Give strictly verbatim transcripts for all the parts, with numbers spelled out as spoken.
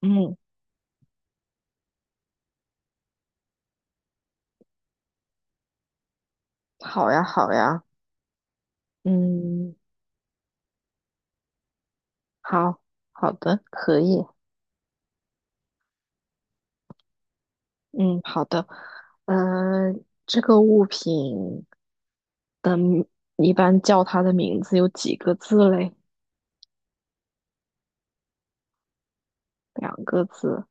嗯，好呀，好呀。嗯。好。好的，可以。嗯。好的。呃，这个物品一般叫它的名字有几个字嘞？两个字。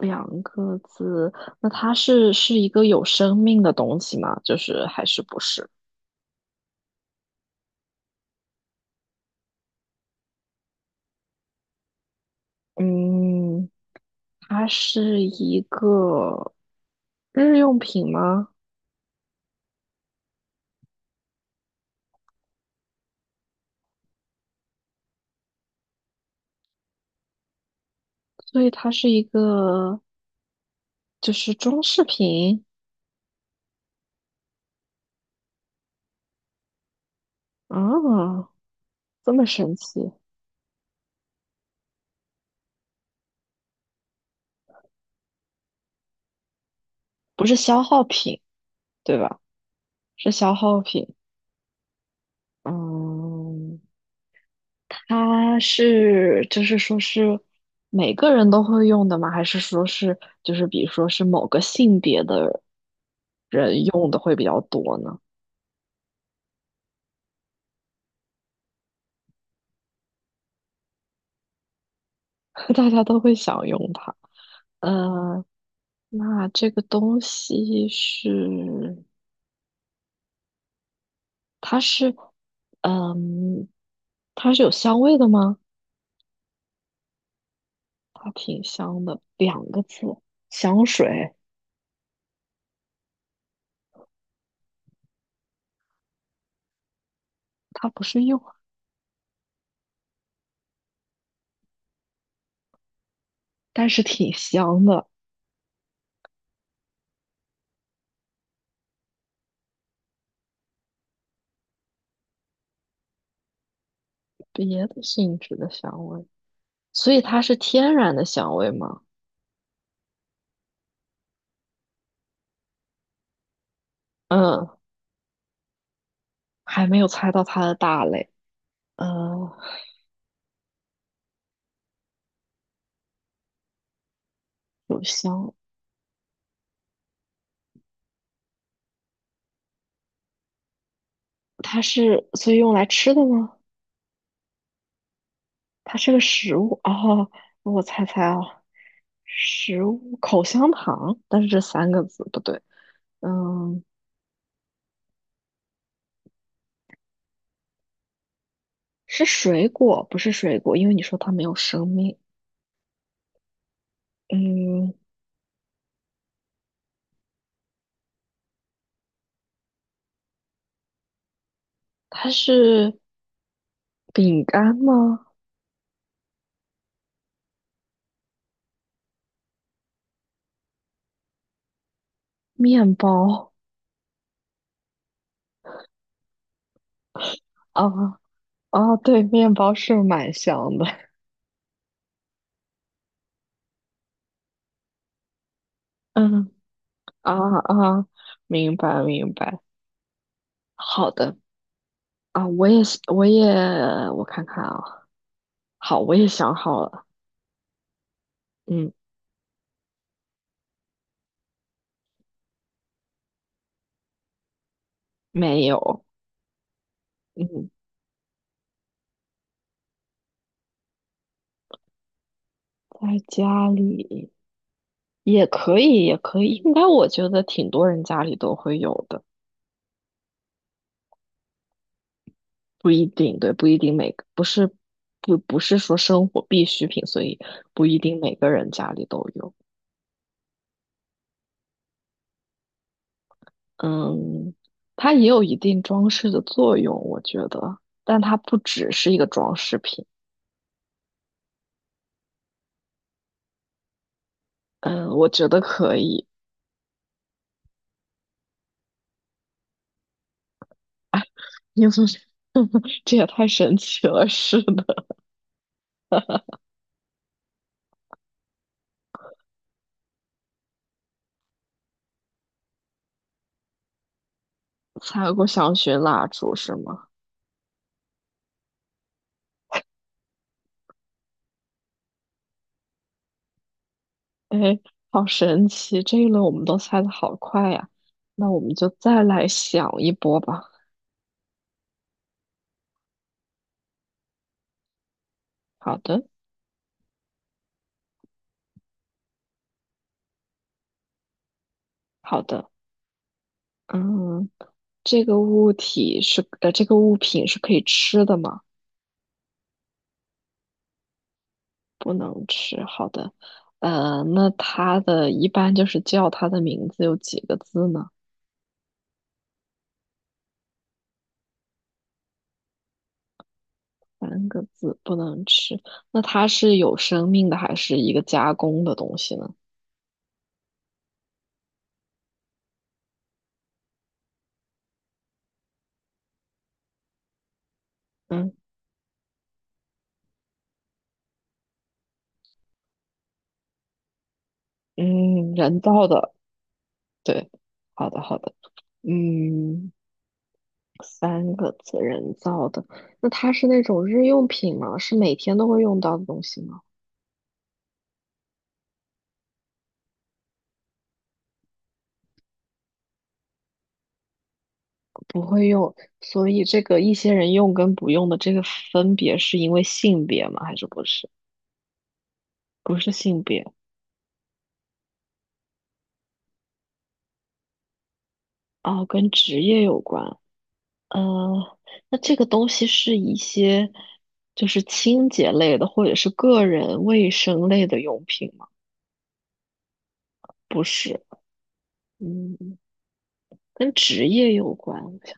两个字。那它是是一个有生命的东西吗？就是还是不是？嗯。它是一个日用品吗？所以它是一个就是装饰品。啊，这么神奇。不是消耗品，对吧？是消耗品。嗯。它是就是说是每个人都会用的吗？还是说是就是比如说是某个性别的人用的会比较多呢？大家都会想用它。呃，那这个东西是它是嗯，它是有香味的吗？它挺香的，两个字，香水。它不是用。但是挺香的。别的性质的香味。所以它是天然的香味吗？嗯，还没有猜到它的大类。嗯，有香。它是所以用来吃的吗？它是个食物哦。我猜猜啊，食物口香糖，但是这三个字不对。嗯。是水果，不是水果，因为你说它没有生命。嗯。它是饼干吗？面包。啊？哦。哦，对，面包是蛮香的。嗯。啊。啊，明白明白。好的。啊，我也是我也我看看啊。好，我也想好了。嗯。没有。嗯。在家里也可以，也可以。应该我觉得挺多人家里都会有的。不一定，对，不一定每个不是不不是说生活必需品，所以不一定每个人家里都有。嗯。它也有一定装饰的作用，我觉得。但它不只是一个装饰品。嗯，我觉得可以。因为 这也太神奇了，是的。猜过香薰蜡烛是吗？哎，好神奇！这一轮我们都猜的好快呀。那我们就再来想一波吧。好的，好的。嗯，这个物体是，呃，这个物品是可以吃的吗？不能吃，好的。呃，那它的一般就是叫它的名字有几个字呢？三个字，不能吃。那它是有生命的，还是一个加工的东西呢？嗯。嗯。人造的，对。好的好的。嗯，三个字，人造的。那它是那种日用品吗？是每天都会用到的东西吗？不会用。所以这个一些人用跟不用的这个分别是因为性别吗？还是不是？哦，跟职业有关。呃，那这个东西是一些就是清洁类的，或者是个人卫生类的用品吗？不是。嗯，跟职业有关。我想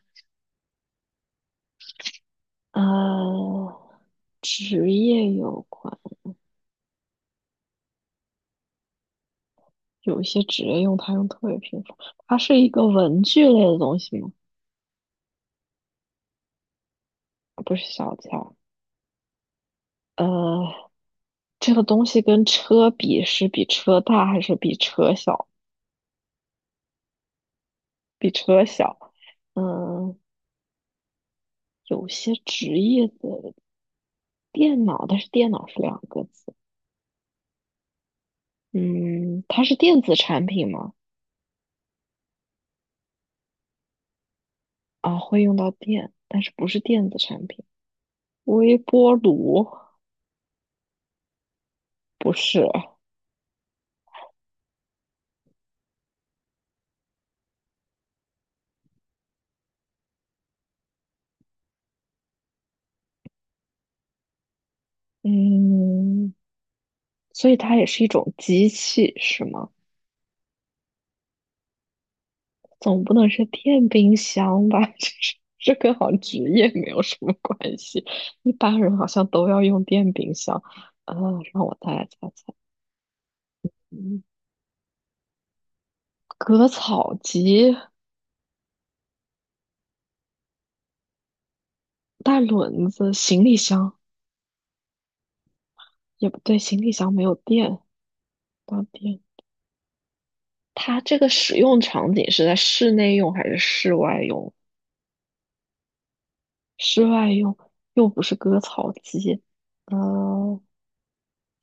呃，职业有关。有一些职业用它用特别频繁。它是一个文具类的东西吗？不是小件儿。呃，这个东西跟车比，是比车大还是比车小？比车小。嗯、有些职业的电脑。但是电脑是两个字。嗯，它是电子产品吗？啊，会用到电，但是不是电子产品？微波炉不是。嗯。所以它也是一种机器，是吗？总不能是电冰箱吧？这是这跟好像职业没有什么关系。一般人好像都要用电冰箱。呃，让我再来猜猜。嗯，割草机、带轮子、行李箱。也不对，行李箱没有电。到电。它这个使用场景是在室内用还是室外用？室外用。又不是割草机。嗯。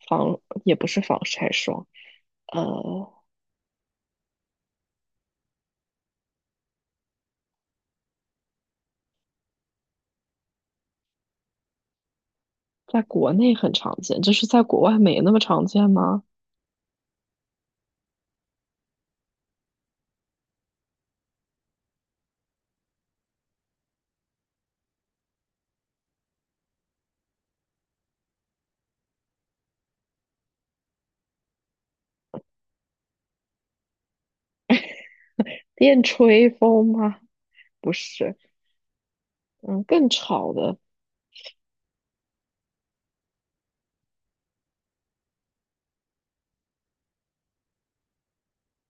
防也不是防晒霜。呃，在国内很常见，就是在国外没那么常见吗？电吹风吗？不是。嗯，更吵的。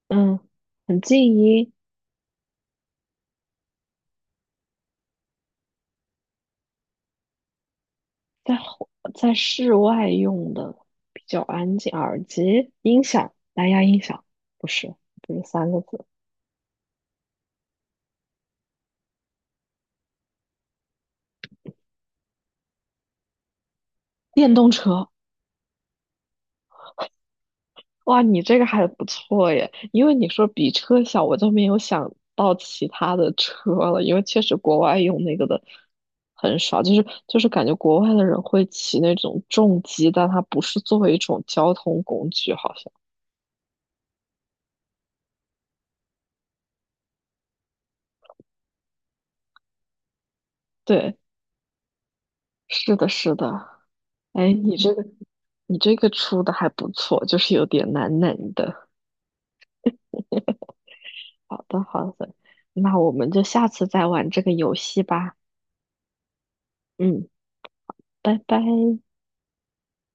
嗯，很静音。在户在室外用的比较安静，耳机、音响、蓝牙音响。不是。不是三个字。电动车。哇，你这个还不错耶，因为你说比车小，我就没有想到其他的车了。因为确实国外用那个的很少。就是就是感觉国外的人会骑那种重机，但它不是作为一种交通工具，好像。对，是的，是的。哎，你这个你这个出的还不错，就是有点难难的。好的，好的。那我们就下次再玩这个游戏吧。嗯，拜拜。